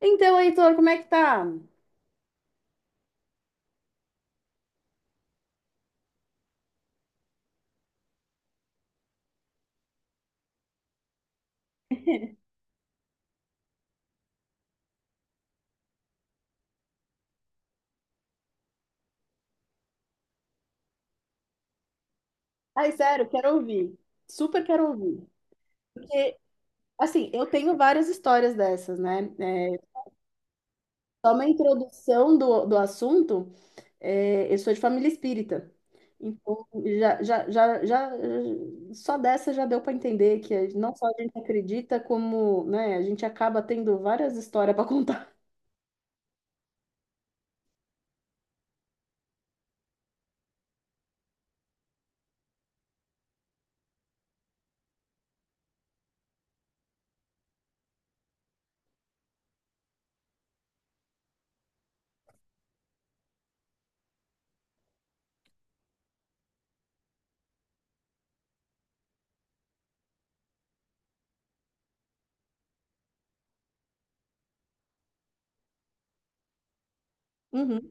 Então, Heitor, como é que tá? Ai, sério, quero ouvir. Super quero ouvir. Porque, assim, eu tenho várias histórias dessas, né? Só uma introdução do assunto, eu sou de família espírita. Então, já, só dessa já deu para entender que não só a gente acredita, como, né, a gente acaba tendo várias histórias para contar. Uhum,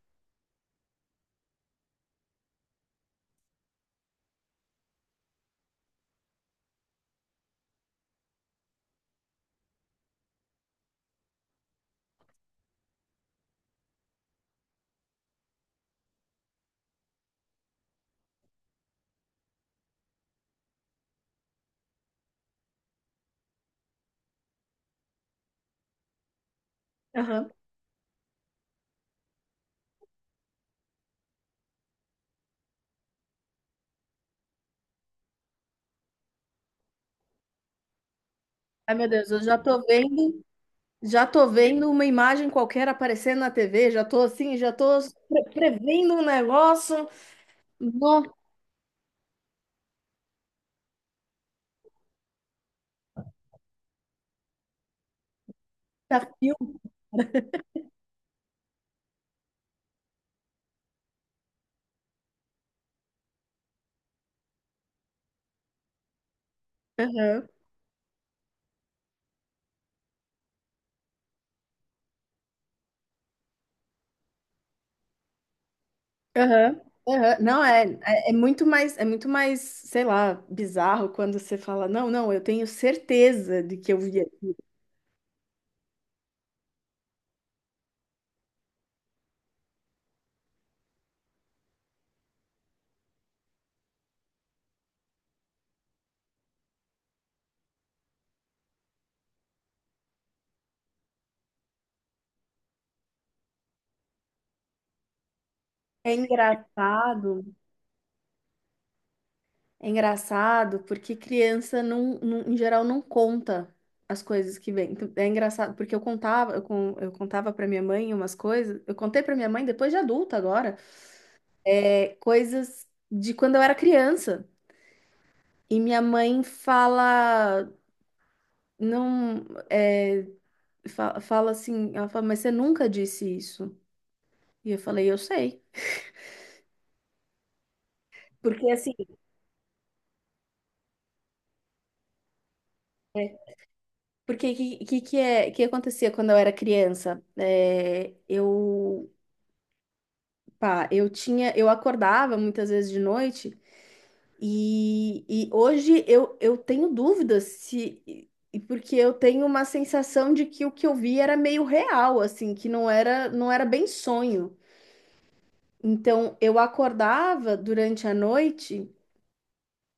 aham. Ai, meu Deus, eu já tô vendo. Já tô vendo uma imagem qualquer aparecendo na TV, já tô assim, já tô prevendo um negócio. Nossa, filme. Aham, aham, aham. Não, é muito mais, sei lá, bizarro quando você fala, não, eu tenho certeza de que eu vi. É engraçado, é engraçado porque criança em geral não conta as coisas que vem. Então, é engraçado porque eu contava, eu contava para minha mãe umas coisas, eu contei para minha mãe depois de adulta agora. É, coisas de quando eu era criança. E minha mãe fala, não, é, fala assim, ela fala, mas você nunca disse isso. E eu falei, eu sei. Porque assim, que é que acontecia quando eu era criança? Eu tinha, eu acordava muitas vezes de noite. Hoje eu tenho dúvidas se. E- porque eu tenho uma sensação de que o que eu vi era meio real, assim, que não era, não era bem sonho. Então eu acordava durante a noite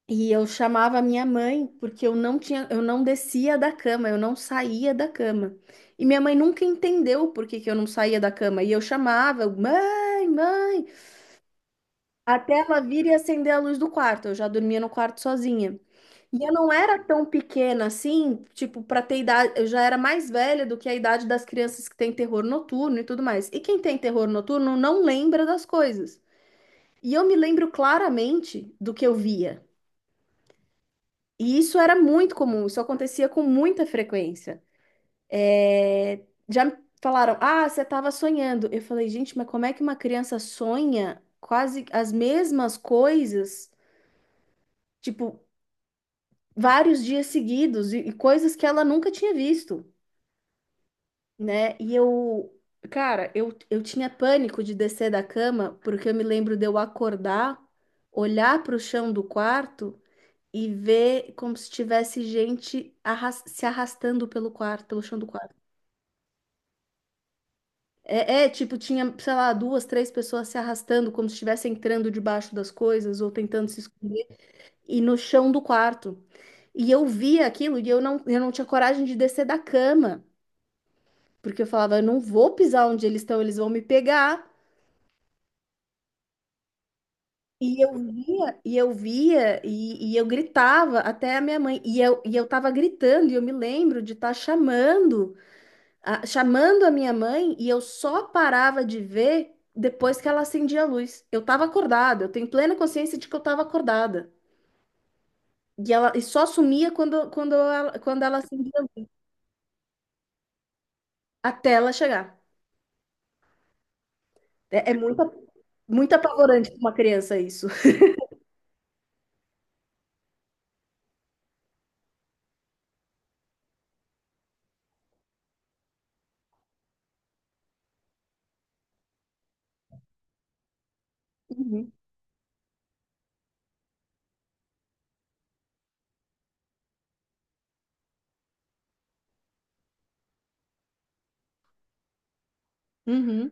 e eu chamava a minha mãe, porque eu não tinha, eu não descia da cama, eu não saía da cama. E minha mãe nunca entendeu por que que eu não saía da cama. E eu chamava, mãe, mãe, até ela vir e acender a luz do quarto. Eu já dormia no quarto sozinha. E eu não era tão pequena assim, tipo, pra ter idade, eu já era mais velha do que a idade das crianças que têm terror noturno e tudo mais. E quem tem terror noturno não lembra das coisas. E eu me lembro claramente do que eu via. E isso era muito comum, isso acontecia com muita frequência. É, já me falaram, ah, você estava sonhando. Eu falei, gente, mas como é que uma criança sonha quase as mesmas coisas, tipo, vários dias seguidos e coisas que ela nunca tinha visto? Né? E eu, cara, eu tinha pânico de descer da cama, porque eu me lembro de eu acordar, olhar para o chão do quarto e ver como se tivesse gente se arrastando pelo quarto, pelo chão do quarto. Tipo, tinha, sei lá, duas, três pessoas se arrastando, como se estivesse entrando debaixo das coisas ou tentando se esconder, e no chão do quarto. E eu via aquilo e eu não tinha coragem de descer da cama, porque eu falava, eu não vou pisar onde eles estão, eles vão me pegar. E eu gritava até a minha mãe. E eu tava gritando, e eu me lembro de estar chamando, chamando a minha mãe, e eu só parava de ver depois que ela acendia a luz. Eu tava acordada, eu tenho plena consciência de que eu tava acordada. E só sumia quando ela acendia a luz, até ela chegar. É, é muito, muito apavorante para uma criança isso. Uhum. Uhum.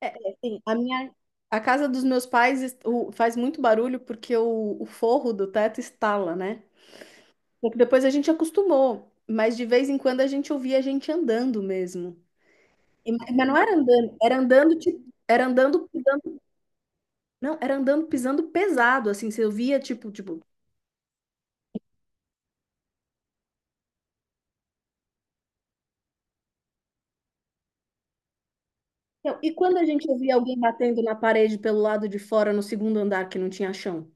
Sim, a casa dos meus pais faz muito barulho porque o forro do teto estala, né? Só que depois a gente acostumou, mas de vez em quando a gente ouvia a gente andando mesmo. Mas não era andando, era andando, tipo, era andando pisando, não, era andando pisando pesado, assim, você ouvia tipo, tipo. Então, e quando a gente ouvia alguém batendo na parede pelo lado de fora no segundo andar que não tinha chão?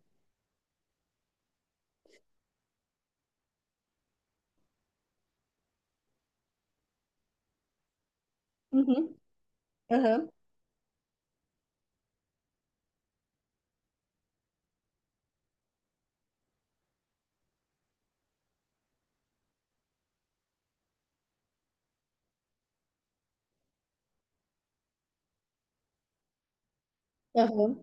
Uhum, aham, aham.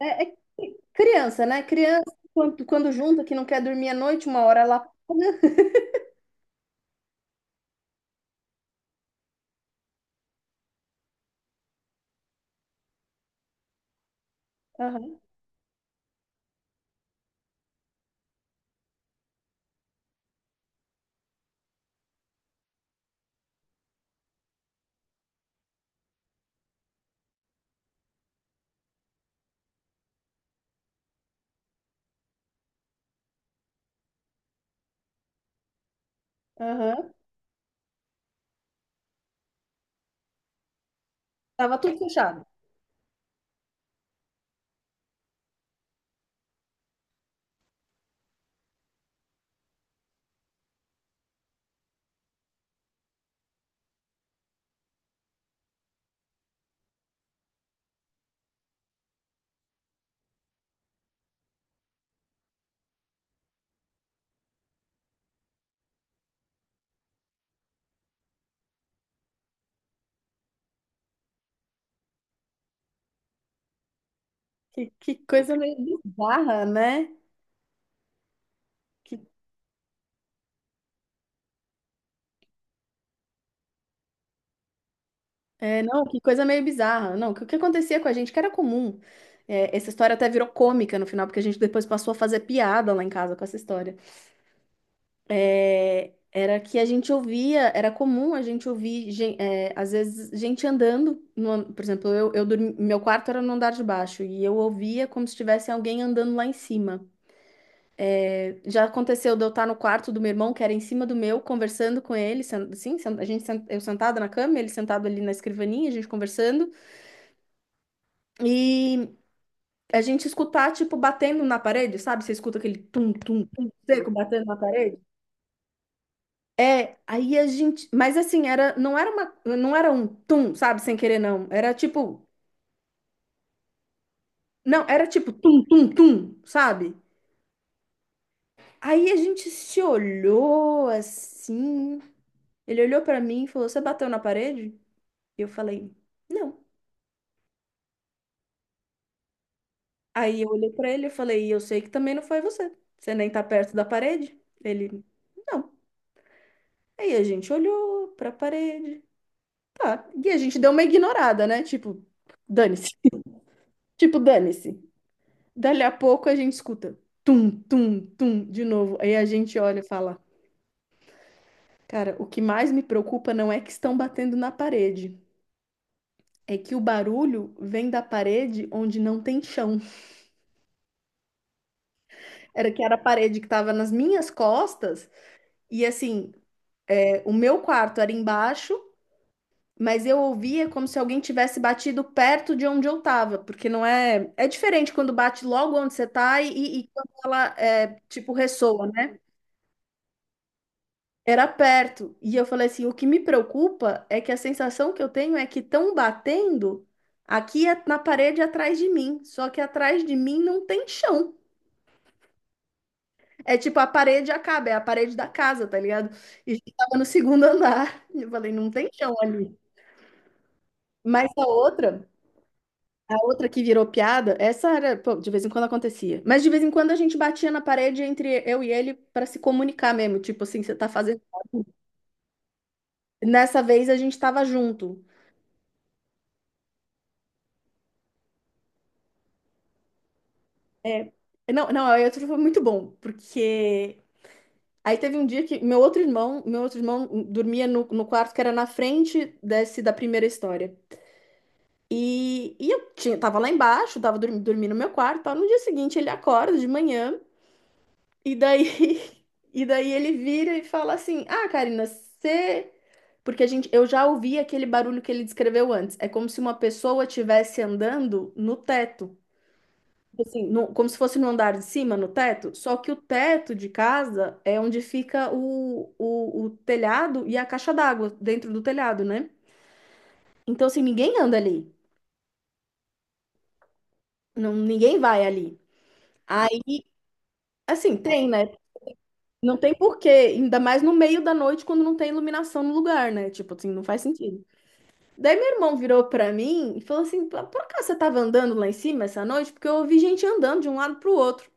É criança, né? Criança, quando, quando junta, que não quer dormir à noite, uma hora ela apaga. Aham, aham. Tava tudo fechado. Que coisa meio bizarra, né? Que, não, que coisa meio bizarra. Não, que o que acontecia com a gente, que era comum. É, essa história até virou cômica no final, porque a gente depois passou a fazer piada lá em casa com essa história. É, era que a gente ouvia, era comum a gente ouvir, às vezes, gente andando. No an- Por exemplo, meu quarto era no andar de baixo e eu ouvia como se tivesse alguém andando lá em cima. Já aconteceu de eu estar no quarto do meu irmão, que era em cima do meu, conversando com ele, eu sentada na cama, ele sentado ali na escrivaninha, a gente conversando, e a gente escutar, tipo, batendo na parede, sabe? Você escuta aquele tum, tum, tum seco batendo na parede. É, aí a gente, mas assim, não era uma, não era um tum, sabe, sem querer não. Era tipo, não, era tipo tum tum tum, sabe? Aí a gente se olhou assim. Ele olhou pra mim e falou: "Você bateu na parede?" E eu falei: "Não". Aí eu olhei pra ele e falei: "E eu sei que também não foi você. Você nem tá perto da parede". Ele: "Não". Aí a gente olhou pra parede. Ah, e a gente deu uma ignorada, né? Tipo, dane-se. Tipo, dane-se. Dali a pouco a gente escuta tum, tum, tum de novo. Aí a gente olha e fala: cara, o que mais me preocupa não é que estão batendo na parede, é que o barulho vem da parede onde não tem chão. Era que era a parede que estava nas minhas costas, e assim, é, o meu quarto era embaixo. Mas eu ouvia como se alguém tivesse batido perto de onde eu estava, porque não é. É diferente quando bate logo onde você está e quando ela, é, tipo, ressoa, né? Era perto. E eu falei assim: o que me preocupa é que a sensação que eu tenho é que estão batendo aqui na parede atrás de mim. Só que atrás de mim não tem chão. É tipo, a parede acaba, é a parede da casa, tá ligado? E a gente tava no segundo andar. Eu falei, não tem chão ali. Mas a outra que virou piada, essa era, pô, de vez em quando acontecia. Mas de vez em quando a gente batia na parede entre eu e ele para se comunicar mesmo. Tipo assim, você tá fazendo. Nessa vez a gente tava junto. É, não, aí outro foi muito bom, porque aí teve um dia que meu outro irmão dormia no quarto que era na frente desse da primeira história. E eu tinha, tava lá embaixo, tava dormindo, dormindo no meu quarto, tal. No dia seguinte ele acorda de manhã e daí e daí ele vira e fala assim: "Ah, Karina, você porque a gente, eu já ouvi aquele barulho que ele descreveu antes. É como se uma pessoa estivesse andando no teto. Tipo assim, como se fosse no andar de cima, no teto, só que o teto de casa é onde fica o telhado e a caixa d'água dentro do telhado, né? Então, assim, ninguém anda ali, não, ninguém vai ali. Aí, assim, tem, né? Não tem porquê, ainda mais no meio da noite quando não tem iluminação no lugar, né? Tipo assim, não faz sentido. Daí meu irmão virou pra mim e falou assim: "Por acaso você tava andando lá em cima essa noite? Porque eu ouvi gente andando de um lado pro outro.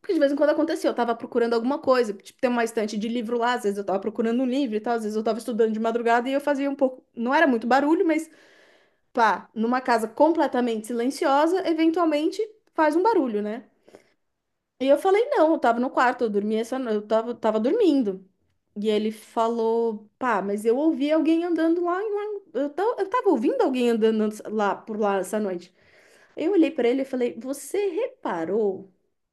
Porque de vez em quando acontecia, eu tava procurando alguma coisa, tipo, tem uma estante de livro lá, às vezes eu tava procurando um livro e tal, às vezes eu tava estudando de madrugada e eu fazia um pouco, não era muito barulho, mas pá, numa casa completamente silenciosa, eventualmente faz um barulho, né? E eu falei, não, eu tava no quarto, eu dormia essa no- eu tava, tava dormindo. E ele falou, pá, mas eu ouvi alguém andando lá, eu tava ouvindo alguém andando lá por lá essa noite. Eu olhei pra ele e falei, você reparou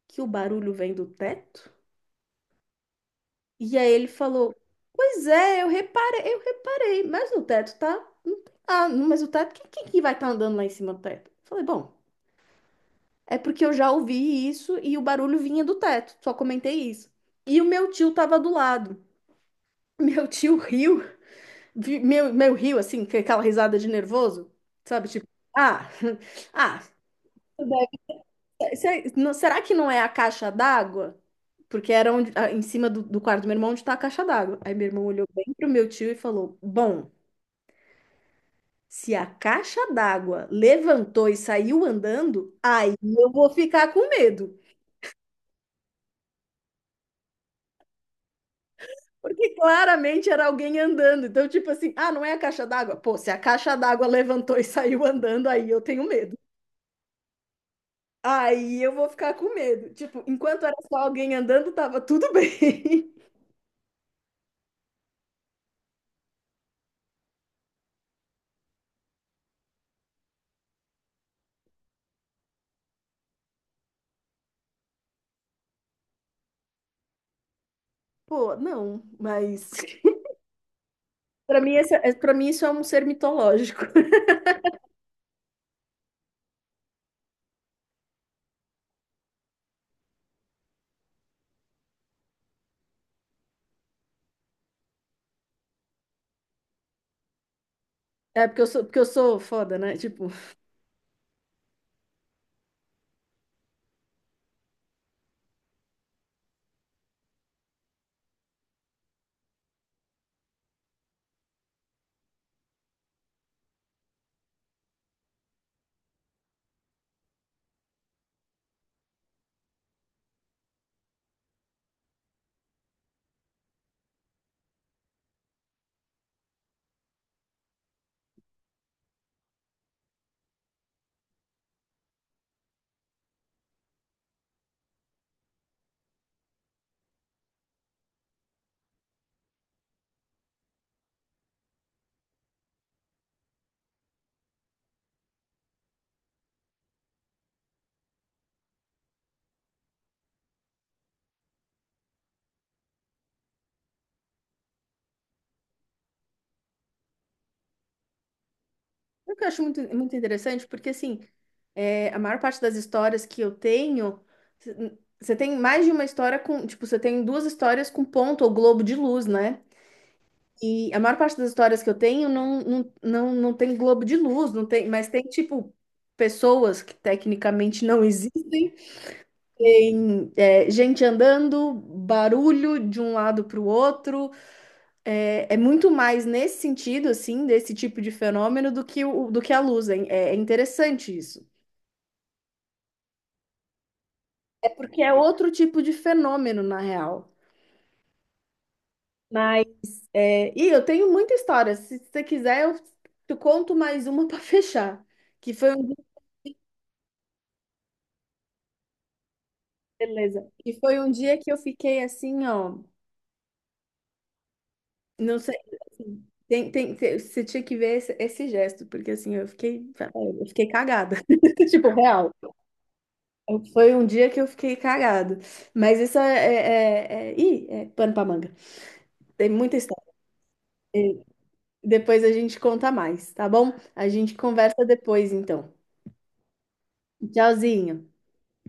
que o barulho vem do teto? E aí ele falou: pois é, eu reparei, mas no teto tá. Não tem nada. Mas o teto, quem que vai estar andando lá em cima do teto? Eu falei, bom, é porque eu já ouvi isso e o barulho vinha do teto, só comentei isso. E o meu tio tava do lado. Meu tio riu, meu riu assim, com aquela risada de nervoso, sabe? Tipo, ah, ah, será que não é a caixa d'água? Porque era onde, ah, em cima do quarto do meu irmão onde tá a caixa d'água. Aí meu irmão olhou bem pro meu tio e falou: bom. Se a caixa d'água levantou e saiu andando, aí eu vou ficar com medo. Porque claramente era alguém andando. Então, tipo assim, ah, não é a caixa d'água? Pô, se a caixa d'água levantou e saiu andando, aí eu tenho medo. Aí eu vou ficar com medo. Tipo, enquanto era só alguém andando, tava tudo bem. Pô, não, mas. Para mim, pra mim, isso é um ser mitológico. É porque eu sou foda, né? Tipo, o que eu acho muito, muito interessante, porque assim, é, a maior parte das histórias que eu tenho, você tem mais de uma história com, tipo, você tem duas histórias com ponto ou globo de luz, né? E a maior parte das histórias que eu tenho não tem globo de luz, não tem, mas tem, tipo, pessoas que tecnicamente não existem, tem, é, gente andando, barulho de um lado para o outro. É, é muito mais nesse sentido, assim, desse tipo de fenômeno do que, do que a luz. É, é interessante isso. É porque é outro tipo de fenômeno, na real. Mas, é, e eu tenho muita história. Se você quiser, eu te conto mais uma para fechar. Que foi um dia, beleza. Que foi um dia que eu fiquei assim, ó. Não sei. Assim, você tinha que ver esse gesto, porque assim, eu fiquei cagada. Tipo, real. Foi um dia que eu fiquei cagado. Mas isso é pano pra manga. Tem muita história. Depois a gente conta mais, tá bom? A gente conversa depois, então. Tchauzinho.